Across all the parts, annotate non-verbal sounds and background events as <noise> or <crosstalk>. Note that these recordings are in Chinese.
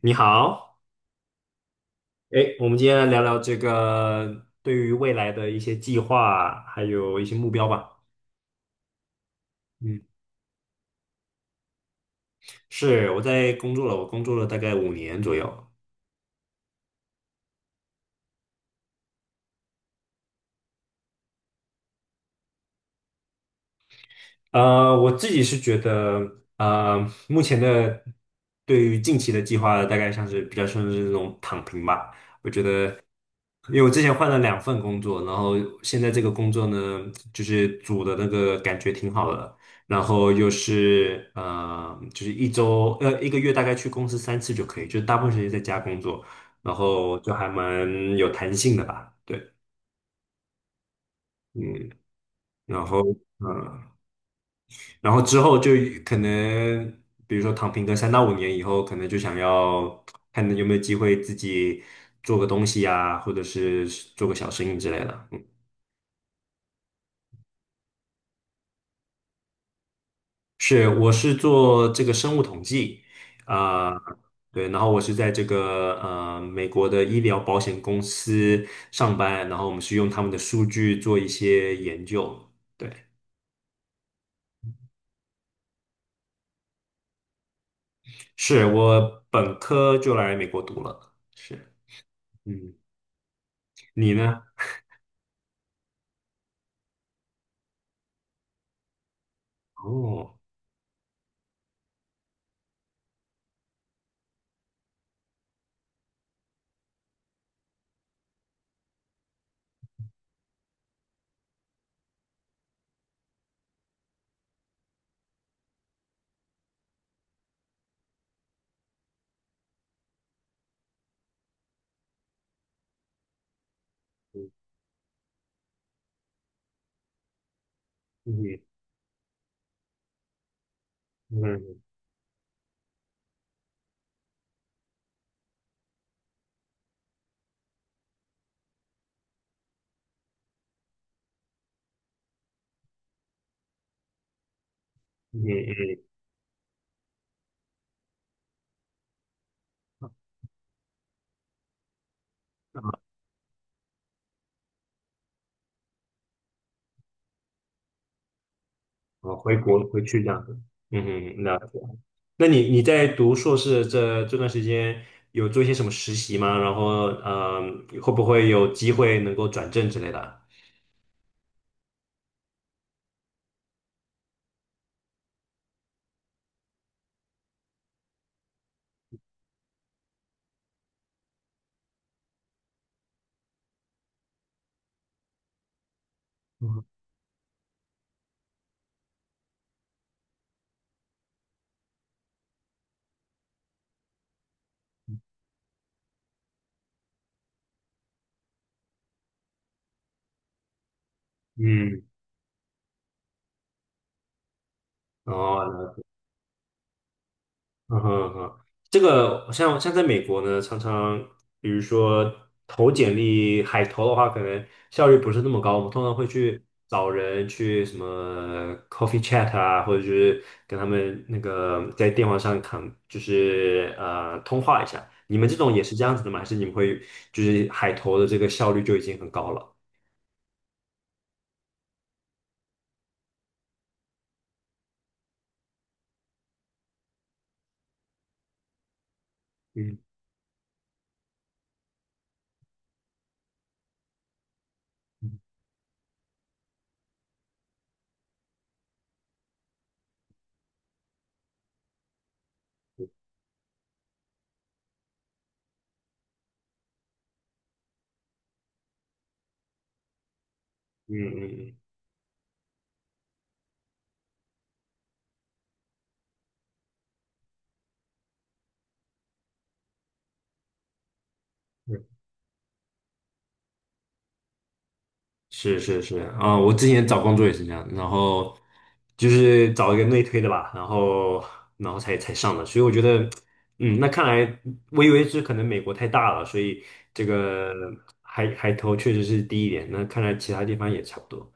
你好，哎，我们今天来聊聊这个对于未来的一些计划，还有一些目标吧。嗯，是，我在工作了，我工作了大概五年左右。我自己是觉得，目前的对于近期的计划，大概像是比较像是那种躺平吧。我觉得，因为我之前换了2份工作，然后现在这个工作呢，就是组的那个感觉挺好的，然后又是就是1个月大概去公司3次就可以，就是大部分时间在家工作，然后就还蛮有弹性的吧。对，嗯，然后。呃然后之后就可能，比如说躺平个3到5年以后，可能就想要看有没有机会自己做个东西呀、或者是做个小生意之类的。嗯，是，我是做这个生物统计，啊、对，然后我是在这个美国的医疗保险公司上班，然后我们是用他们的数据做一些研究。对，是我本科就来美国读了，是，嗯，你呢？哦。嗯嗯嗯嗯，哦，回国回去这样子，嗯嗯，那你在读硕士这段时间有做一些什么实习吗？然后，嗯，会不会有机会能够转正之类的？嗯，嗯，哦，嗯哼嗯哼，这个像在美国呢，常常比如说投简历海投的话，可能效率不是那么高。我们通常会去找人去什么 coffee chat 啊，或者就是跟他们那个在电话上谈，就是通话一下。你们这种也是这样子的吗？还是你们会就是海投的这个效率就已经很高了？嗯嗯嗯嗯嗯。是是是啊，我之前找工作也是这样，然后就是找一个内推的吧，然后才上的，所以我觉得，嗯，那看来我以为是可能美国太大了，所以这个海投确实是低一点，那看来其他地方也差不多。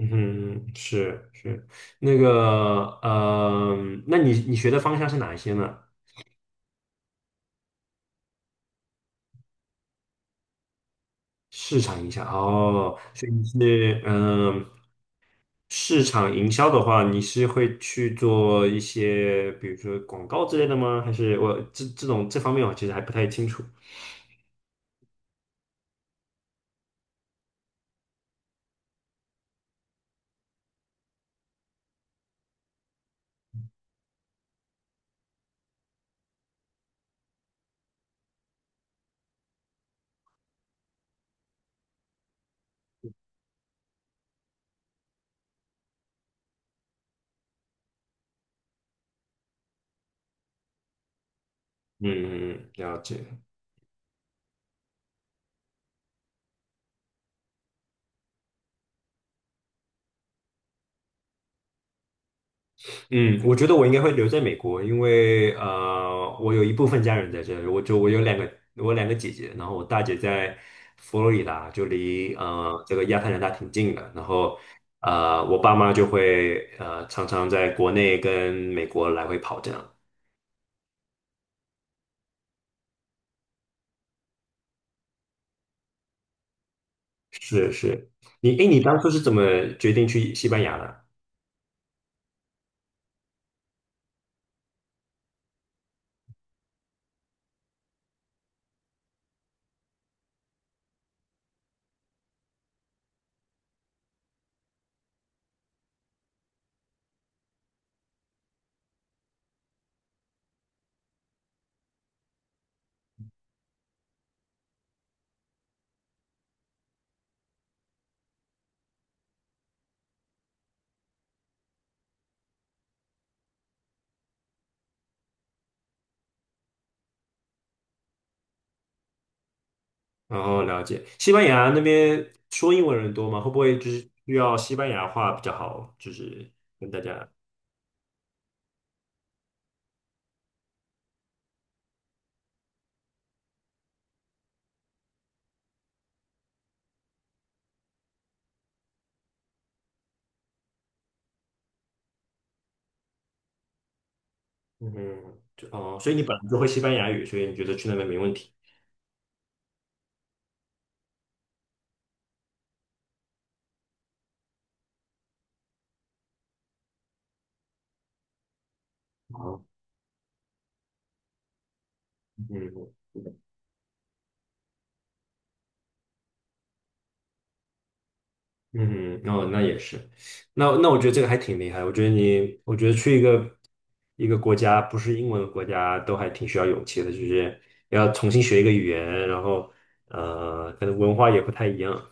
嗯哼，是是，那个那你学的方向是哪一些呢？市场营销哦，所以你是。市场营销的话，你是会去做一些，比如说广告之类的吗？还是我这种这方面我其实还不太清楚。嗯，了解。嗯，我觉得我应该会留在美国，因为我有一部分家人在这里，我有两个姐姐，然后我大姐在佛罗里达，就离这个亚特兰大挺近的，然后我爸妈就会常常在国内跟美国来回跑这样。是是，你当初是怎么决定去西班牙的？然后了解西班牙那边说英文人多吗？会不会就是需要西班牙话比较好？就是跟大家，嗯，就哦，所以你本来就会西班牙语，所以你觉得去那边没问题？哦，嗯嗯，哦，那也是，那我觉得这个还挺厉害。我觉得去一个国家不是英文的国家，都还挺需要勇气的，就是要重新学一个语言，然后可能文化也不太一样。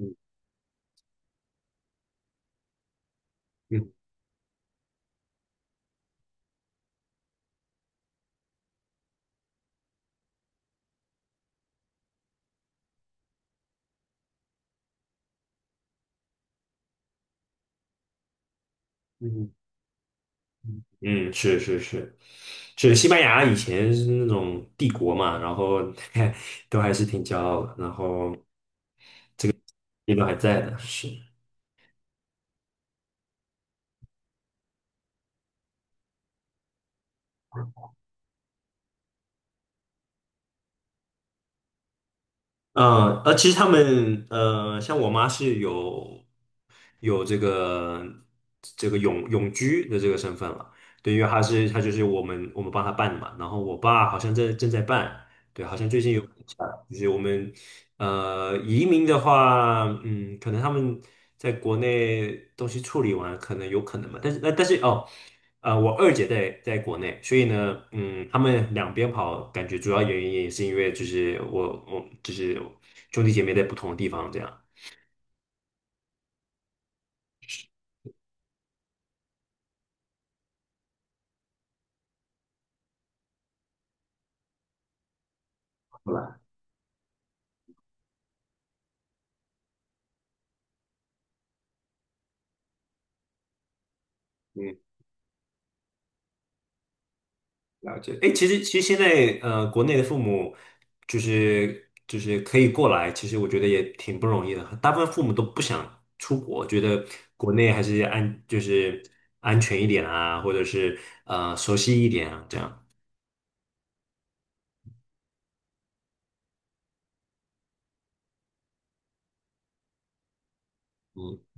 嗯嗯嗯，嗯是是是，是西班牙以前是那种帝国嘛，然后 <laughs> 都还是挺骄傲的，然后也都还在的，是。嗯，其实他们像我妈是有这个永居的这个身份了，对，因为她就是我们帮她办的嘛，然后我爸好像正在办，对，好像最近有就是我们移民的话，嗯，可能他们在国内东西处理完，可能有可能嘛，但是哦。我二姐在国内，所以呢，嗯，他们两边跑，感觉主要原因也是因为就是我就是兄弟姐妹在不同的地方这样。好吧，嗯，了解。哎，其实现在国内的父母就是可以过来，其实我觉得也挺不容易的。大部分父母都不想出国，觉得国内还是安就是安全一点啊，或者是熟悉一点啊，这样。嗯。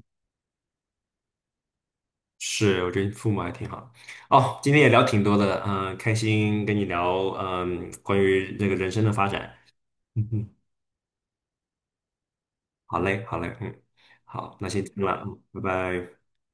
是，我觉得父母还挺好。哦，今天也聊挺多的，嗯、开心跟你聊，嗯、关于这个人生的发展。嗯哼，好嘞，好嘞，嗯，好，那先这样了，嗯，拜拜。